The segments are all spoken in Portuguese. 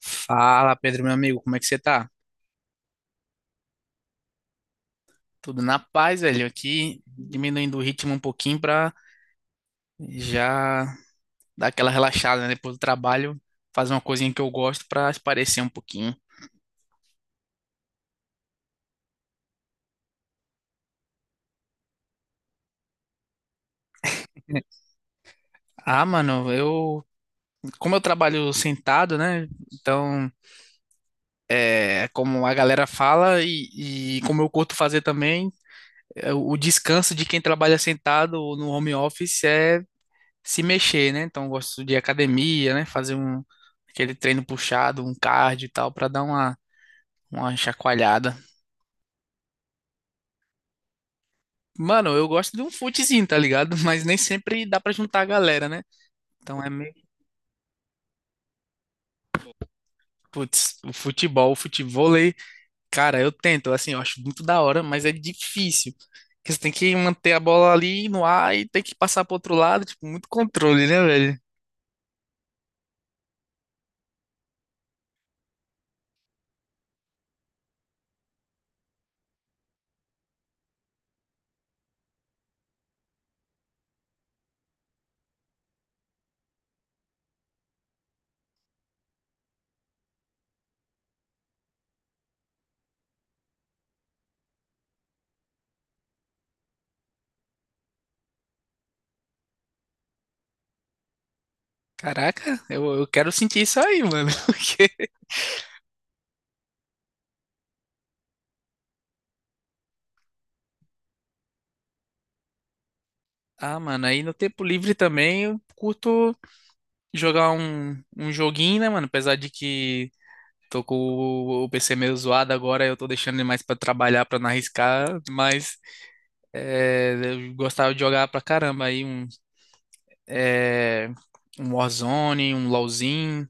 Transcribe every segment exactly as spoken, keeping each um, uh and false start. Fala, Pedro, meu amigo, como é que você tá? Tudo na paz, velho. Aqui diminuindo o ritmo um pouquinho pra já dar aquela relaxada, né? Depois do trabalho, fazer uma coisinha que eu gosto pra esparecer um pouquinho. Ah, mano, eu, como eu trabalho sentado, né? Então, é, como a galera fala e, e como eu curto fazer também, é, o descanso de quem trabalha sentado ou no home office é se mexer, né? Então eu gosto de academia, né? Fazer um aquele treino puxado, um cardio e tal, pra dar uma, uma chacoalhada. Mano, eu gosto de um futezinho, tá ligado? Mas nem sempre dá pra juntar a galera, né? Então é meio, putz, o futebol, o futevôlei, cara, eu tento, assim, eu acho muito da hora, mas é difícil. Porque você tem que manter a bola ali no ar e tem que passar pro outro lado, tipo, muito controle, né, velho? Caraca, eu, eu quero sentir isso aí, mano. Porque... Ah, mano, aí no tempo livre também eu curto jogar um, um joguinho, né, mano? Apesar de que tô com o, o P C meio zoado agora, eu tô deixando ele mais pra trabalhar, pra não arriscar, mas é, eu gostava de jogar pra caramba aí um, é, um Warzone, um LoLzinho.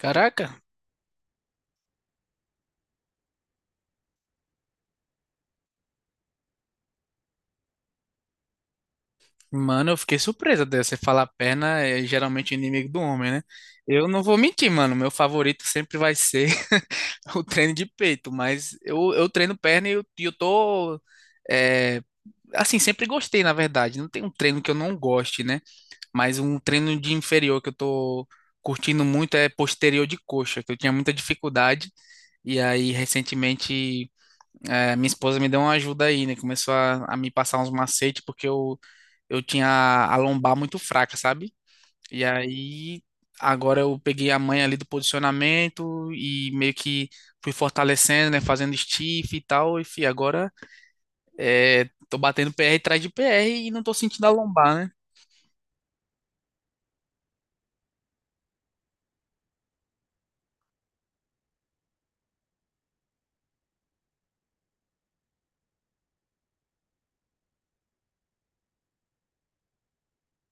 Caraca, mano, eu fiquei surpresa de você falar perna é geralmente inimigo do homem, né? Eu não vou mentir, mano, meu favorito sempre vai ser o treino de peito, mas eu, eu treino perna e eu, e eu tô. é, assim, sempre gostei, na verdade. Não tem um treino que eu não goste, né? Mas um treino de inferior que eu tô curtindo muito é posterior de coxa, que eu tinha muita dificuldade. E aí, recentemente, é, minha esposa me deu uma ajuda aí, né? Começou a, a me passar uns macetes, porque eu, eu tinha a lombar muito fraca, sabe? E aí, agora eu peguei a manha ali do posicionamento e meio que fui fortalecendo, né? Fazendo stiff e tal. E fi, agora é, tô batendo P R atrás de P R e não tô sentindo a lombar, né?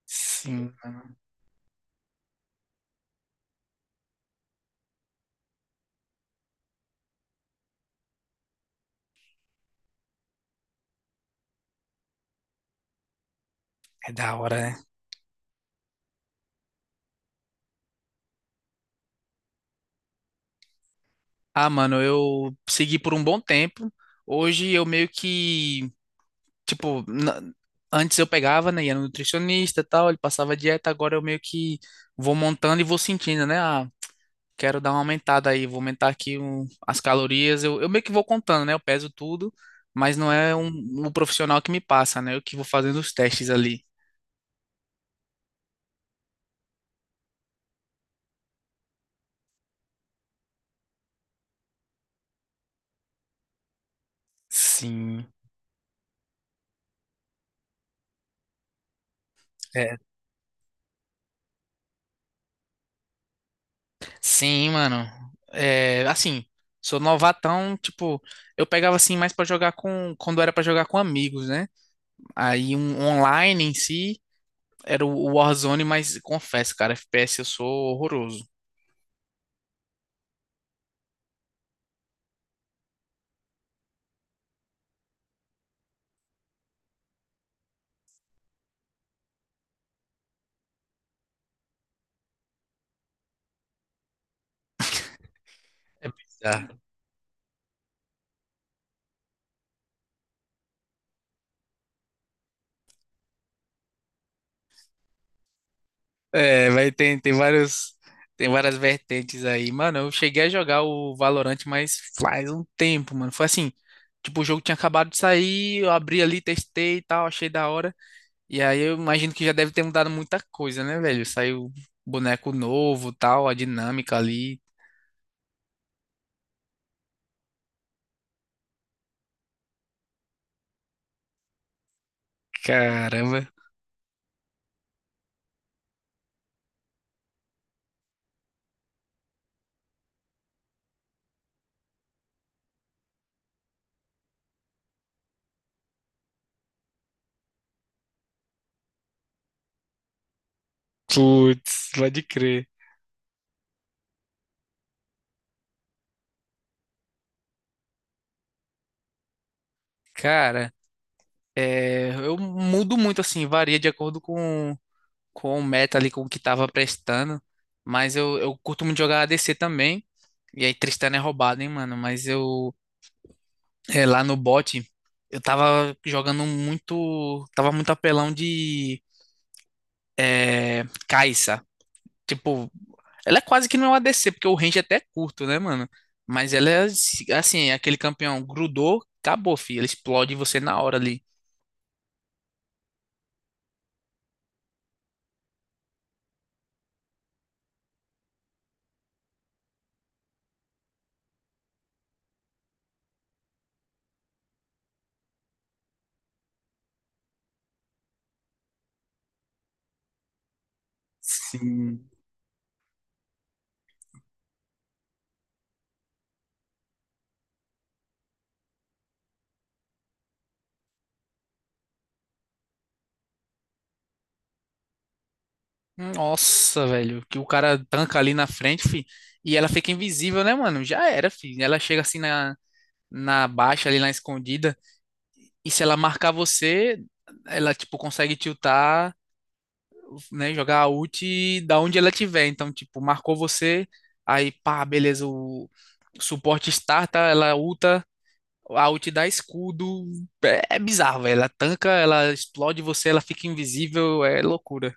Sim, mano. É da hora, né? Ah, mano, eu segui por um bom tempo. Hoje eu meio que, tipo, na- antes eu pegava, né? Ia no nutricionista e tal, ele passava dieta, agora eu meio que vou montando e vou sentindo, né? Quero dar uma aumentada aí, vou aumentar aqui um- as calorias. Eu, eu meio que vou contando, né? Eu peso tudo, mas não é um, um profissional que me passa, né? Eu que vou fazendo os testes ali. Sim, é. Sim, mano. É, assim, sou novatão, tipo, eu pegava assim mais pra jogar com, quando era pra jogar com amigos, né? Aí um online em si era o o Warzone, mas confesso, cara, F P S eu sou horroroso. É bizarro. É, vai tem, tem vários, tem várias vertentes aí. Mano, eu cheguei a jogar o Valorant, mas faz um tempo, mano. Foi assim, tipo, o jogo tinha acabado de sair, eu abri ali, testei e tal, achei da hora. E aí eu imagino que já deve ter mudado muita coisa, né, velho? Saiu boneco novo, tal, a dinâmica ali. Caramba. Putz, pode crer. Cara, é, eu mudo muito assim, varia de acordo com com o meta ali, com o que tava prestando. Mas eu, eu curto muito jogar A D C também. E aí Tristana é roubado, hein, mano. Mas eu, é, lá no bot, eu tava jogando muito. Tava muito apelão de é, Kai'Sa. Tipo, ela é quase que não é uma A D C, porque o range até é curto, né, mano? Mas ela é assim, é aquele campeão grudou, acabou, filho. Ela explode você na hora ali. Sim. Nossa, velho, que o cara tanca ali na frente, fi, e ela fica invisível, né, mano? Já era, fi. Ela chega assim na, na baixa, ali na escondida, e se ela marcar você, ela, tipo, consegue tiltar, né, jogar a ult da onde ela tiver. Então, tipo, marcou você, aí, pá, beleza, o suporte starta, ela ulta, a ult dá escudo. É, é bizarro, velho. Ela tanca, ela explode você, ela fica invisível, é loucura.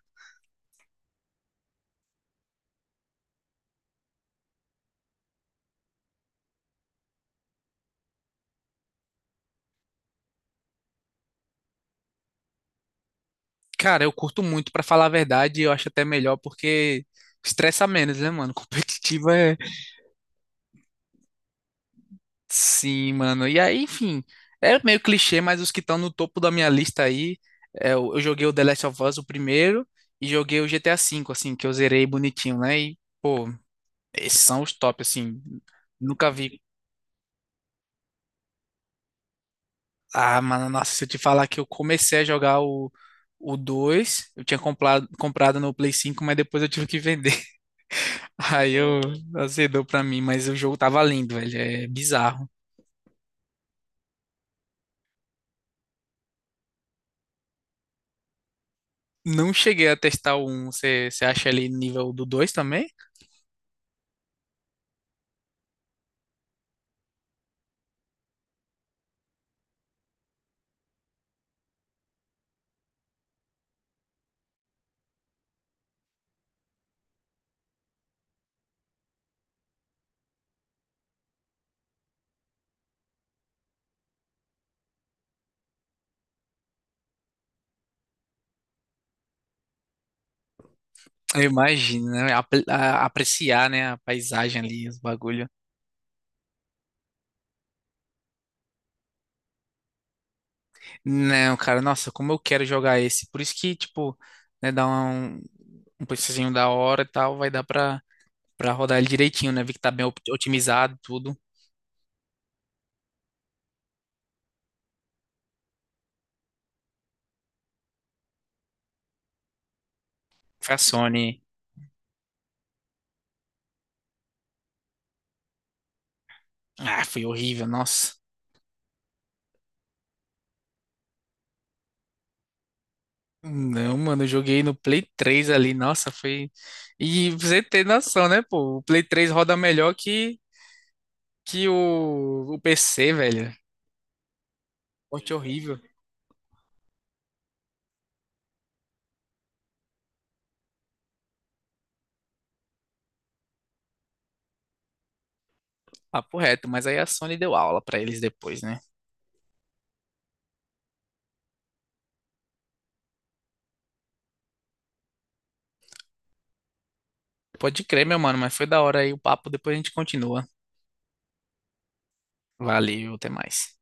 Cara, eu curto muito, pra falar a verdade, eu acho até melhor porque estressa menos, né, mano? Competitiva é. Sim, mano. E aí, enfim, é meio clichê, mas os que estão no topo da minha lista aí, é, eu eu joguei o The Last of Us, o primeiro, e joguei o G T A V, assim, que eu zerei bonitinho, né? E, pô, esses são os top, assim. Nunca vi. Ah, mano, nossa, se eu te falar que eu comecei a jogar o, o dois, eu tinha comprado, comprado no Play cinco, mas depois eu tive que vender. Aí eu azedou pra mim, mas o jogo tava lindo, velho. É bizarro. Não cheguei a testar o um. Você você acha ali nível do dois também? Eu imagino, né? Apre- a- Apreciar, né? A paisagem ali, os bagulho. Não, cara, nossa, como eu quero jogar esse. Por isso que, tipo, né, dá um, um preçozinho da hora e tal, vai dar pra, pra rodar ele direitinho, né? Vi que tá bem op- otimizado, tudo. Foi a Sony. Ah, foi horrível, nossa. Não, mano, eu joguei no Play três ali, nossa, foi. E você ter noção, né, pô? O Play três roda melhor que, que o, o P C, velho. Corte horrível. Papo reto, mas aí a Sony deu aula pra eles depois, né? Pode crer, meu mano, mas foi da hora aí o papo, depois a gente continua. Valeu, até mais.